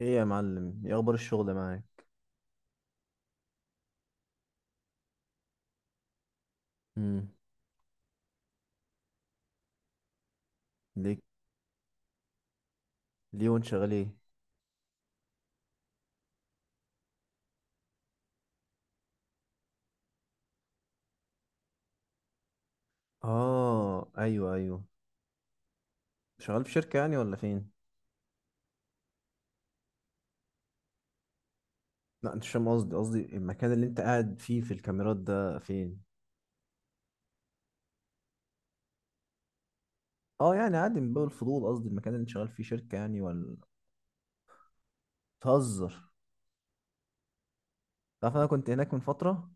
ايه يا معلم، ايه اخبار الشغل معاك؟ امم. ليه؟ ليه وانت شغال ايه؟ اه ايوه ايوه. شغال في شركة يعني ولا فين؟ لا انت مش فاهم قصدي، قصدي المكان اللي انت قاعد فيه في الكاميرات ده فين؟ اه يعني عادي من باب الفضول، قصدي المكان اللي انت شغال فيه شركة يعني ولا... تهزر؟ تعرف انا كنت هناك من فترة.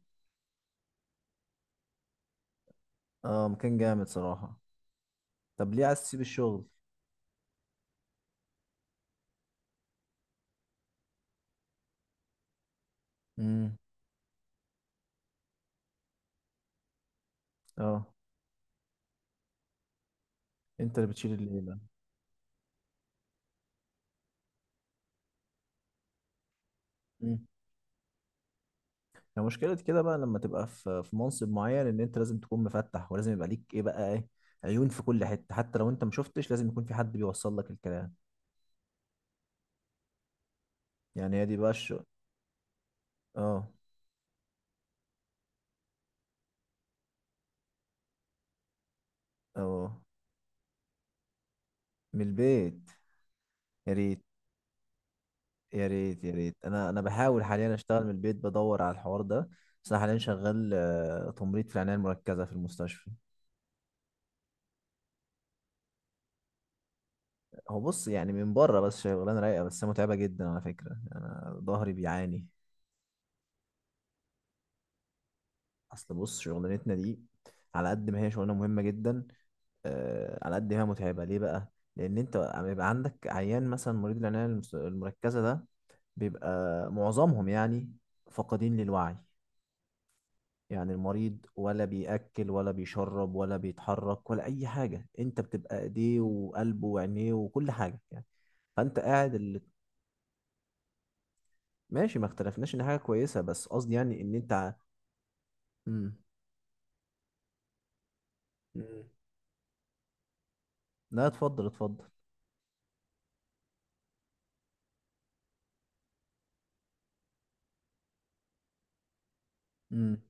اه مكان جامد صراحة. طب ليه عايز تسيب الشغل؟ امم. اه انت اللي بتشيل الليلة. هي مشكلة كده بقى، لما تبقى في منصب معين ان انت لازم تكون مفتح، ولازم يبقى ليك ايه بقى ايه، عيون في كل حتة، حتى لو انت ما شفتش لازم يكون في حد بيوصل لك الكلام. يعني هي دي بقى الش... اه. اه من البيت، يا ريت. يا ريت يا ريت، انا بحاول حاليا اشتغل من البيت، بدور على الحوار ده. بس انا حاليا شغال، تمريض في العناية المركزة في المستشفى. هو بص، يعني من بره بس شغلانة رايقة، بس هي متعبة جدا على فكرة، يعني انا ظهري بيعاني. اصل بص شغلانتنا دي، على قد ما هي شغلانة مهمة جدا، على قد ما هي متعبة. ليه بقى؟ لأن أنت بيبقى عندك عيان مثلا، مريض العناية المركزة ده، بيبقى معظمهم يعني فاقدين للوعي. يعني المريض ولا بيأكل ولا بيشرب ولا بيتحرك ولا أي حاجة، أنت بتبقى إيديه وقلبه وعينيه وكل حاجة يعني. فأنت قاعد اللي... ماشي، ما اختلفناش إن حاجة كويسة، بس قصدي يعني إن أنت ع-. مم. مم. لا اتفضل اتفضل. امم.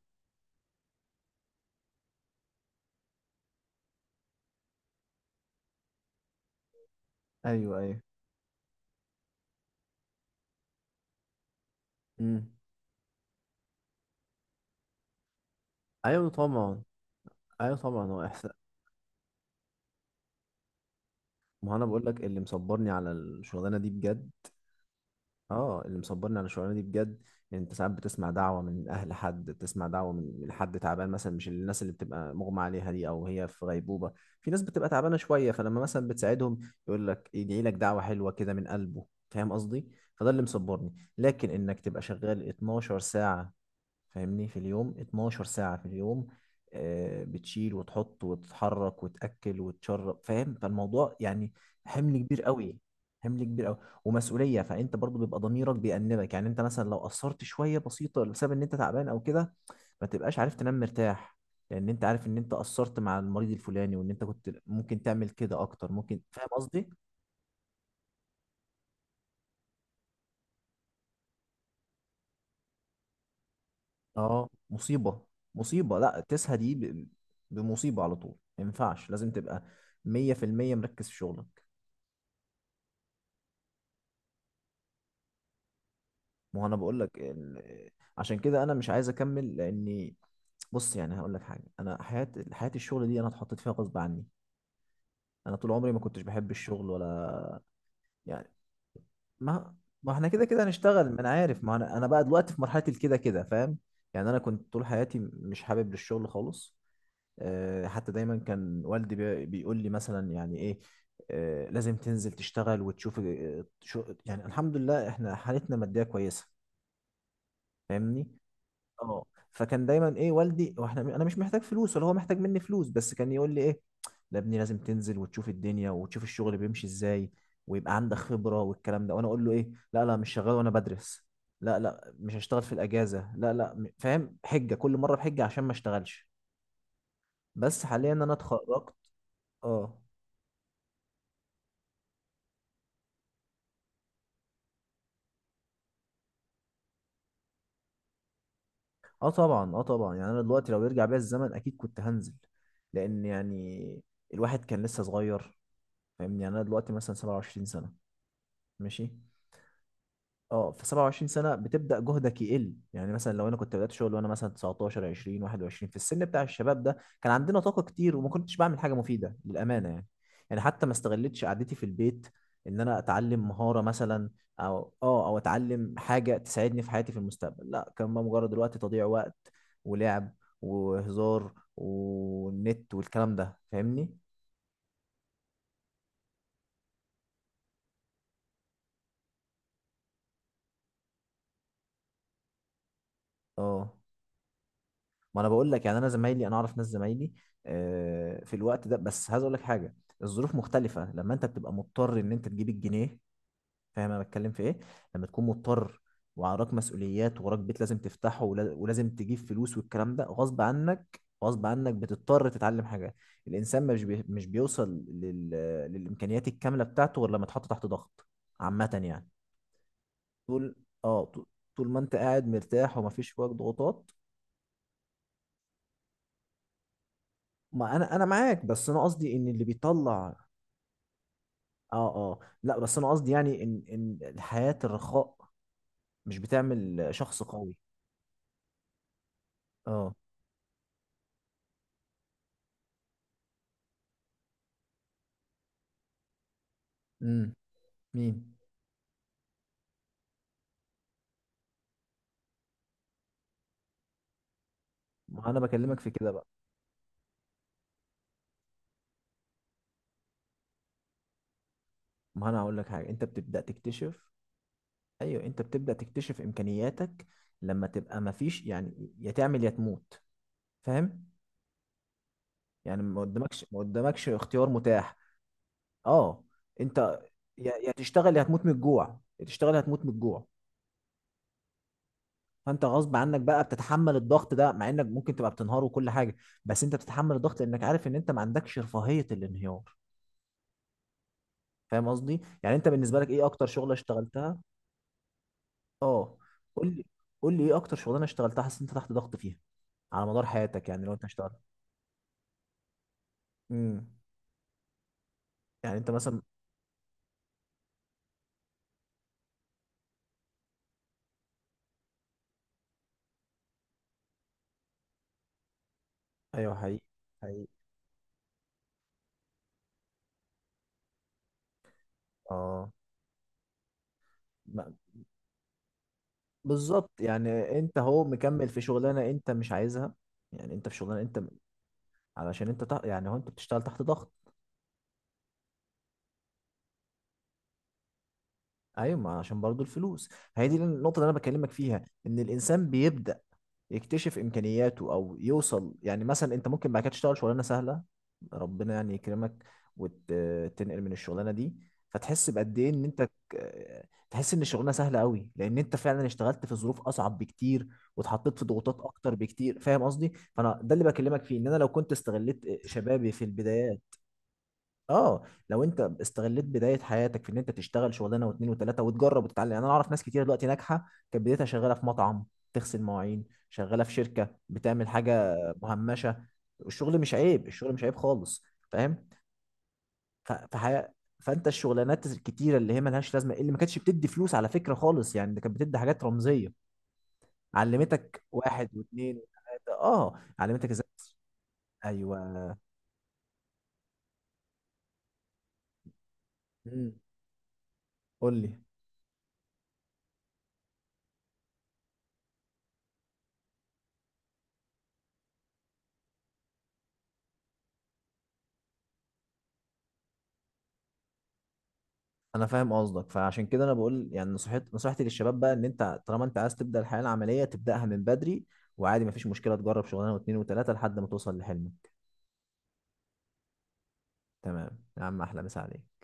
ايوه ايوه. امم. ايوه طبعا. ايوه طبعا، هو إحساس. ما هو انا بقول لك اللي مصبرني على الشغلانه دي بجد. اه اللي مصبرني على الشغلانه دي بجد، يعني انت ساعات بتسمع دعوه من اهل حد، بتسمع دعوه من حد تعبان مثلا، مش الناس اللي بتبقى مغمى عليها دي او هي في غيبوبه، في ناس بتبقى تعبانه شويه، فلما مثلا بتساعدهم يقول لك يدعي لك دعوه حلوه كده من قلبه، فاهم قصدي؟ فده اللي مصبرني، لكن انك تبقى شغال 12 ساعه، فاهمني، في اليوم 12 ساعة في اليوم، بتشيل وتحط وتتحرك وتأكل وتشرب، فاهم؟ فالموضوع يعني حمل كبير قوي، حمل كبير قوي، ومسؤولية. فأنت برضو بيبقى ضميرك بيأنبك، يعني أنت مثلا لو قصرت شوية بسيطة بسبب إن أنت تعبان أو كده، ما تبقاش عارف تنام مرتاح، لأن أنت عارف إن أنت قصرت مع المريض الفلاني، وإن أنت كنت ممكن تعمل كده أكتر ممكن، فاهم قصدي؟ اه مصيبة. مصيبة، لا تسهى دي بمصيبة على طول. ما ينفعش، لازم تبقى مية في المية مركز في شغلك. ما هو انا بقول لك ال... عشان كده انا مش عايز اكمل لاني... بص يعني هقول لك حاجة، انا حياة الشغل دي انا اتحطيت فيها غصب عني، انا طول عمري ما كنتش بحب الشغل ولا... يعني ما، ما احنا كده كده هنشتغل، ما انا عارف، ما انا بقى دلوقتي في مرحلة الكده كده، فاهم؟ يعني انا كنت طول حياتي مش حابب للشغل خالص، حتى دايما كان والدي بيقول لي مثلا يعني ايه، لازم تنزل تشتغل وتشوف، شو يعني، الحمد لله احنا حالتنا مادية كويسة، فاهمني؟ اه. فكان دايما ايه والدي، واحنا انا مش محتاج فلوس ولا هو محتاج مني فلوس، بس كان يقول لي ايه، لا ابني لازم تنزل وتشوف الدنيا وتشوف الشغل بيمشي ازاي، ويبقى عندك خبرة والكلام ده، وانا اقول له ايه، لا لا مش شغال وانا بدرس، لا لا مش هشتغل في الاجازة، لا لا فاهم، حجة كل مرة بحجة عشان ما اشتغلش. بس حاليا انا اتخرجت. اه. اه طبعا، اه طبعا يعني انا دلوقتي لو يرجع بيا الزمن اكيد كنت هنزل، لان يعني الواحد كان لسه صغير، فاهمني؟ يعني انا دلوقتي مثلا 27 سنة، ماشي. اه في 27 سنه بتبدا جهدك يقل، يعني مثلا لو انا كنت بدات شغل وانا مثلا 19 20 21 في السن بتاع الشباب ده، كان عندنا طاقه كتير وما كنتش بعمل حاجه مفيده للامانه يعني، يعني حتى ما استغلتش قعدتي في البيت ان انا اتعلم مهاره مثلا، او اه او اتعلم حاجه تساعدني في حياتي في المستقبل، لا كان بقى مجرد الوقت تضييع وقت، ولعب، وهزار، والنت والكلام ده، فاهمني؟ اه. ما انا بقول لك يعني انا زمايلي، انا اعرف ناس زمايلي في الوقت ده، بس عايز اقول لك حاجه، الظروف مختلفه لما انت بتبقى مضطر ان انت تجيب الجنيه، فاهم انا بتكلم في ايه؟ لما تكون مضطر وعراك مسؤوليات، وراك بيت لازم تفتحه، ولازم تجيب فلوس والكلام ده، غصب عنك غصب عنك بتضطر تتعلم حاجه، الانسان مش بي... مش بيوصل لل... للامكانيات الكامله بتاعته غير لما اتحط تحت ضغط عامه يعني. طول، اه طول، طول ما انت قاعد مرتاح ومفيش فوقك ضغوطات... ما انا معاك، بس انا قصدي ان اللي بيطلع... اه اه لا، بس انا قصدي يعني ان ان حياة الرخاء مش بتعمل شخص قوي. اه. امم. مين؟ ما انا بكلمك في كده بقى. ما انا هقول لك حاجه، انت بتبدا تكتشف... ايوه، انت بتبدا تكتشف امكانياتك لما تبقى ما فيش، يعني يا تعمل يا تموت، فاهم؟ يعني ما قدامكش، ما قدامكش اختيار متاح. اه. انت... يا تشتغل يا هتموت من الجوع، يا تشتغل يا هتموت من الجوع، فانت غصب عنك بقى بتتحمل الضغط ده، مع انك ممكن تبقى بتنهار وكل حاجه، بس انت بتتحمل الضغط لانك عارف ان انت ما عندكش رفاهيه الانهيار، فاهم قصدي؟ يعني انت بالنسبه لك ايه اكتر شغله اشتغلتها؟ اه قول لي، قول لي ايه اكتر شغلانه اشتغلتها حاسس إن انت تحت ضغط فيها على مدار حياتك، يعني لو انت اشتغلت. امم. يعني انت مثلا... ايوه حقيقي. حقيقي. اه. ما- بالظبط، يعني انت هو مكمل في شغلانه انت مش عايزها، يعني انت في شغلانه انت... علشان انت تح... يعني هو انت بتشتغل تحت ضغط. ايوه، ما عشان برضو الفلوس. هي دي النقطه اللي انا بكلمك فيها، ان الانسان بيبدا يكتشف امكانياته او يوصل، يعني مثلا انت ممكن بعد كده تشتغل شغلانه سهله، ربنا يعني يكرمك، وتنقل من الشغلانه دي، فتحس بقد ايه ان انت تحس ان الشغلانه سهله قوي، لان انت فعلا اشتغلت في ظروف اصعب بكتير واتحطيت في ضغوطات اكتر بكتير، فاهم قصدي؟ فانا ده اللي بكلمك فيه، ان انا لو كنت استغليت شبابي في البدايه. اه. لو انت استغليت بدايه حياتك في ان انت تشتغل شغلانه واثنين وثلاثه وتجرب وتتعلم، يعني انا اعرف ناس كتير دلوقتي ناجحه كانت بدايتها شغاله في مطعم، تغسل مواعين، شغاله في شركه بتعمل حاجه مهمشه، الشغل مش عيب، الشغل مش عيب خالص، فاهم؟ ف- فحي... فانت الشغلانات الكتيره اللي هي ملهاش لازمه، اللي ما كانتش بتدي فلوس على فكره خالص، يعني ده كانت بتدي حاجات رمزيه، علمتك واحد واثنين وثلاثه، اه علمتك ازاي. ايوه. مم. قول لي. انا فاهم قصدك، فعشان كده انا بقول يعني نصيحتي، نصيحتي للشباب بقى، ان انت طالما انت عايز تبدا الحياه العمليه تبداها من بدري، وعادي مفيش مشكله تجرب شغلانه واتنين وتلاته لحد ما توصل لحلمك. تمام يا عم، احلى مسا عليك.